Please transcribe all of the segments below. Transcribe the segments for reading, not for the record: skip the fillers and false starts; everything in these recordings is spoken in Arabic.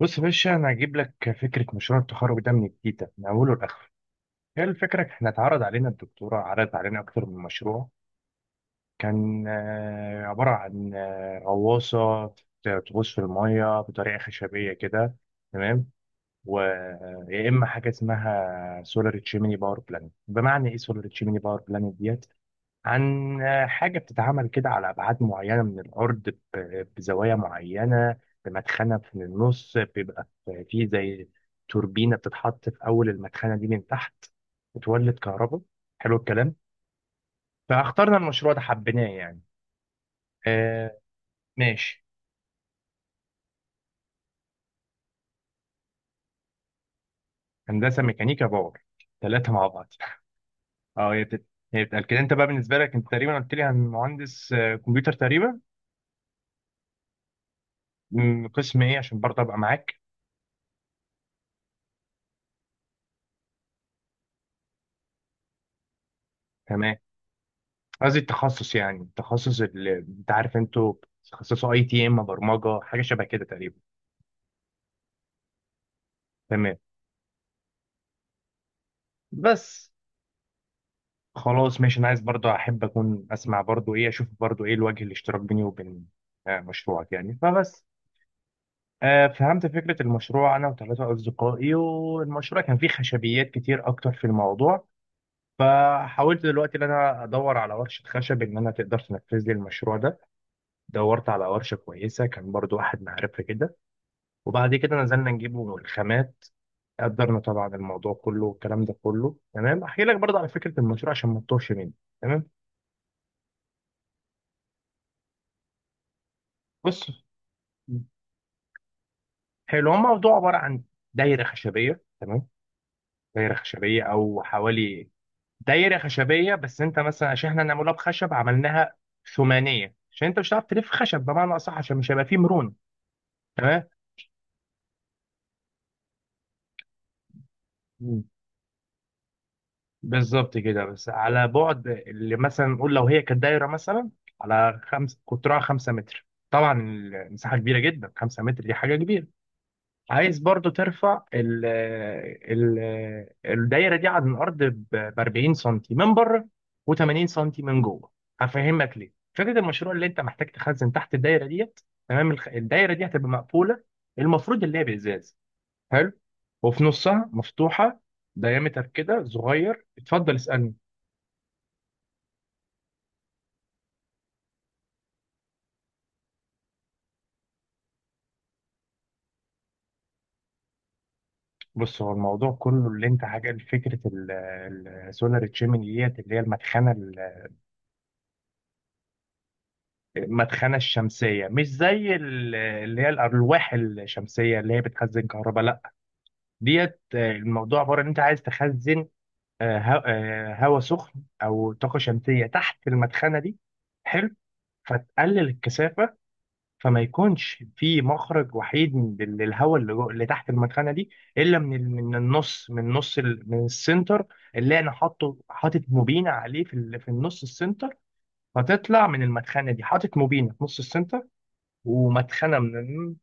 بص يا باشا، انا هجيب لك فكره مشروع التخرج ده من التيتا من اوله لاخره. هي الفكره، احنا اتعرض علينا الدكتوره عرضت علينا اكتر من مشروع. كان عباره عن غواصه تغوص في الميه بطريقه خشبيه كده. تمام. ويا اما حاجه اسمها سولار تشيميني باور بلانت، بمعنى ايه سولار تشيميني باور بلانت ديت؟ عن حاجة بتتعمل كده على أبعاد معينة من الأرض، بزوايا معينة، بمدخنة في النص، بيبقى في زي توربينة بتتحط في أول المدخنة دي من تحت، بتولد كهرباء. حلو الكلام. فاخترنا المشروع ده، حبيناه يعني. آه ماشي. هندسة ميكانيكا باور. ثلاثة مع بعض. اه هي بتت- هي بتتقال كده. أنت بقى بالنسبة لك، أنت تقريبا قلت لي عن مهندس كمبيوتر تقريبا. قسم إيه؟ عشان برضه أبقى معاك. تمام. قصدي التخصص، يعني التخصص اللي انت عارف انتوا بتتخصصوا، اي تي ام، برمجه، حاجه شبه كده تقريبا. تمام. بس خلاص ماشي، انا عايز برضو، احب اكون اسمع برضو ايه، اشوف برضو ايه الوجه الاشتراك بيني وبين مشروعك يعني، فبس. فهمت فكره المشروع انا وثلاثه اصدقائي، والمشروع كان فيه خشبيات كتير اكتر في الموضوع. فحاولت دلوقتي ان انا ادور على ورشه خشب ان انا تقدر تنفذ لي المشروع ده. دورت على ورشه كويسه، كان برضو احد معرفه كده. وبعد كده نزلنا نجيبه الخامات. قدرنا طبعا الموضوع كله، والكلام ده كله تمام. احكي لك برضه على فكره المشروع عشان ما تتوهش مني. تمام. بص. حلو، هو الموضوع عباره عن دايره خشبيه. تمام. دايره خشبيه او حوالي. دايره خشبيه، بس انت مثلا عشان احنا نعملها بخشب، عملناها ثمانيه عشان انت مش هتعرف تلف خشب، بمعنى اصح عشان مش هيبقى فيه مرونه. تمام. بالظبط كده، بس على بعد اللي مثلا نقول، لو هي كانت دايره مثلا على خمس، قطرها 5 متر، طبعا المساحه كبيره جدا، 5 متر دي حاجه كبيره. عايز برضو ترفع ال ال الدايره دي عن الارض ب 40 سنتي من بره، و80 سنتي من جوه. هفهمك ليه فكره المشروع، اللي انت محتاج تخزن تحت الدايره ديت. تمام. الدايره دي هتبقى مقفوله، المفروض اللي هي بازاز. حلو. وفي نصها مفتوحه، دايمتر كده صغير. اتفضل اسالني. بص، هو الموضوع كله اللي انت حاجه فكره، السولار تشيمني ديت اللي هي المدخنه المدخنه الشمسيه، مش زي اللي هي الالواح الشمسيه اللي هي بتخزن كهرباء. لا، ديت الموضوع عباره ان انت عايز تخزن هوا سخن او طاقه شمسيه تحت المدخنه دي. حلو. فتقلل الكثافه، فما يكونش في مخرج وحيد للهواء اللي اللي تحت المدخنه دي، الا من من النص، من نص من السنتر، اللي انا حاطط موبينه عليه في في النص السنتر. فتطلع من المدخنه دي، حاطط موبينه في نص السنتر ومدخنه من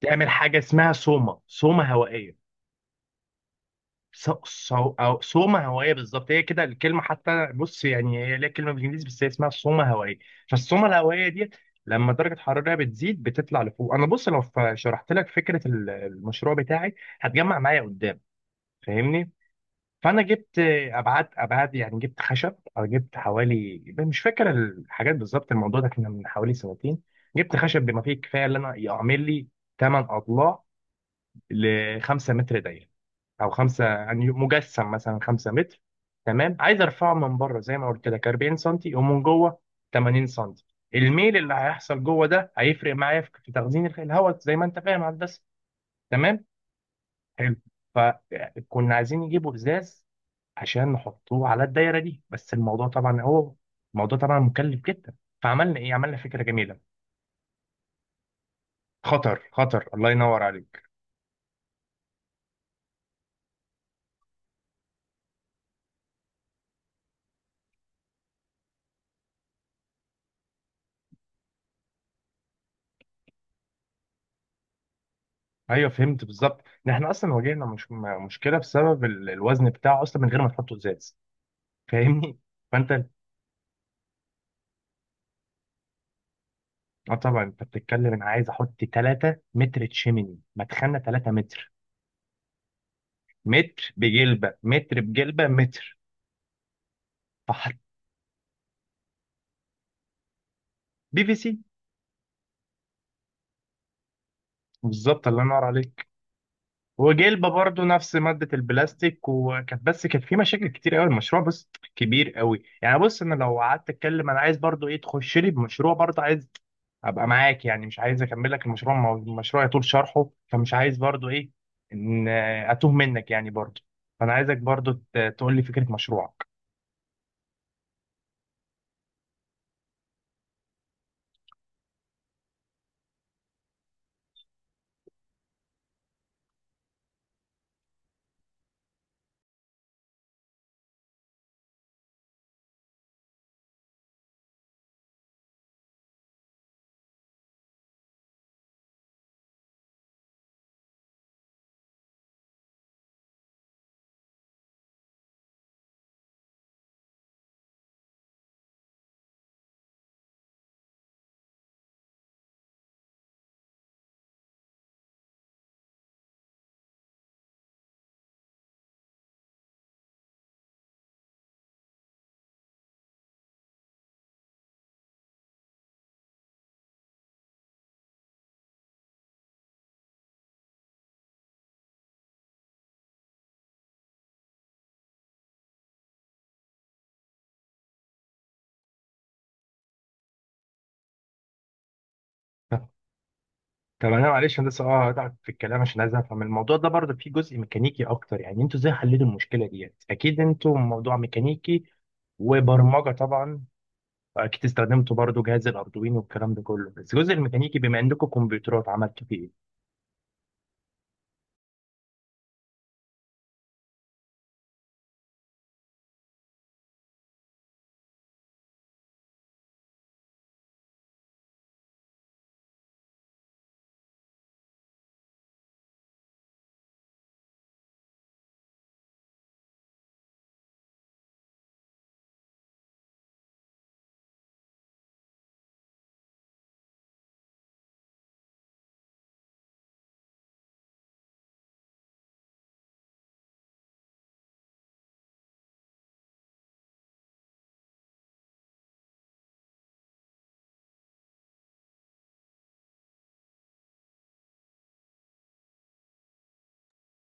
تعمل حاجه اسمها سوما، سوما هوائيه. سو سو أو صومة هوائية، بالظبط، هي كده الكلمة حتى. بص يعني هي ليها كلمة بالإنجليزي، بس هي اسمها صومة هوائية. فالصومة الهوائية دي لما درجة حرارتها بتزيد، بتطلع لفوق. أنا بص، لو شرحت لك فكرة المشروع بتاعي، هتجمع معايا قدام. فاهمني. فأنا جبت أبعاد أبعاد، يعني جبت خشب أو جبت حوالي، مش فاكر الحاجات بالظبط، الموضوع ده كنا من حوالي سنتين. جبت خشب بما فيه الكفاية، اللي أنا يعمل لي 8 أضلاع ل 5 متر دايرة، او خمسة يعني مجسم مثلا 5 متر. تمام. عايز ارفعه من بره زي ما قلت لك 40 سنتي، ومن جوه 80 سنتي. الميل اللي هيحصل جوه ده هيفرق معايا في تخزين الهواء، زي ما انت فاهم يا هندسه. تمام. حلو. فكنا عايزين نجيبوا ازاز عشان نحطوه على الدايره دي، بس الموضوع طبعا هو، الموضوع طبعا مكلف جدا. فعملنا ايه؟ عملنا فكره جميله. خطر خطر، الله ينور عليك. ايوه، فهمت بالظبط ان احنا اصلا واجهنا مش مشكله بسبب الوزن بتاعه اصلا، من غير ما تحطه ازاز. فاهمني. فانت اه طبعا، انت بتتكلم، انا عايز احط 3 متر تشيميني، مدخلنا 3 متر، متر بجلبه، متر بجلبه متر. فحط بي في سي. بالظبط، الله ينور عليك. وجلبه برضو نفس ماده البلاستيك. بس كانت في مشاكل كتير قوي، المشروع بس كبير قوي يعني. بص انا لو قعدت اتكلم، انا عايز برضو ايه تخش لي بمشروع، برضو عايز ابقى معاك، يعني مش عايز اكمل لك المشروع، ما هو المشروع يطول شرحه، فمش عايز برضو ايه ان اتوه منك يعني برضو. فانا عايزك برضو تقول لي فكره مشروعك. طب طب، انا معلش، انا لسه هتعب في الكلام عشان عايز افهم الموضوع ده. برضو فيه جزء ميكانيكي اكتر يعني، انتوا ازاي حليتوا المشكله ديت؟ اكيد انتوا موضوع ميكانيكي وبرمجه طبعا. اكيد استخدمتوا برضو جهاز الاردوين والكلام ده كله، بس الجزء الميكانيكي بما عندكم كمبيوترات، عملتوا فيه ايه؟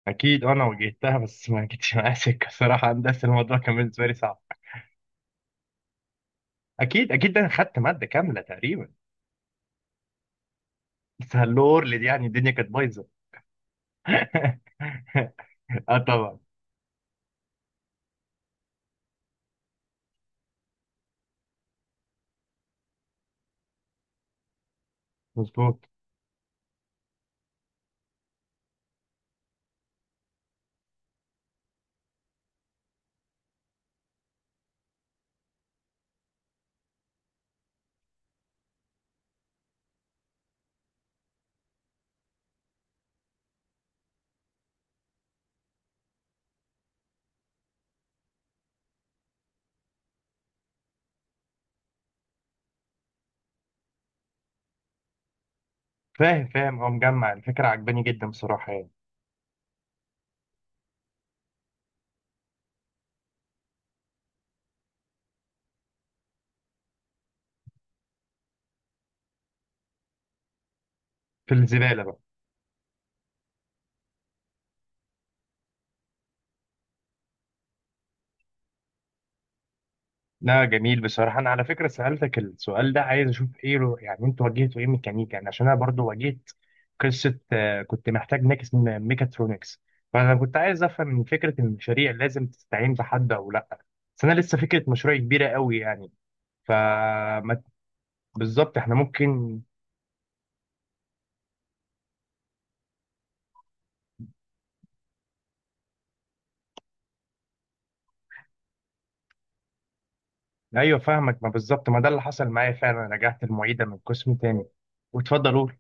اكيد انا واجهتها، بس ما جتش معايا سكه صراحه. هندسه الموضوع كان بالنسبه لي صعب. اكيد اكيد، ده انا خدت ماده كامله تقريبا. بس هاللور اللي دي يعني الدنيا كانت بايظه. اه طبعا. مظبوط. فاهم فاهم، هو مجمع الفكره عجباني جدا بصراحه يعني. في الزباله بقى. لا جميل بصراحه، انا على فكره سالتك السؤال ده عايز اشوف ايه يعني انتوا واجهتوا ايه ميكانيكا يعني، عشان انا برضو واجهت قصه. كنت محتاج ناكس من ميكاترونكس. فانا كنت عايز افهم من فكره المشاريع، لازم تستعين بحد او لا. بس انا لسه فكره مشروع كبيره قوي يعني. فما بالظبط احنا ممكن. ايوه، فاهمك، ما بالظبط ما ده اللي حصل معايا فعلا، رجعت المعيده من قسم تاني. واتفضل قول.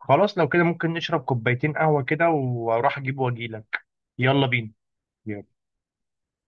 خلاص لو كده، ممكن نشرب كوبايتين قهوه كده، واروح اجيب واجيلك. يلا بينا.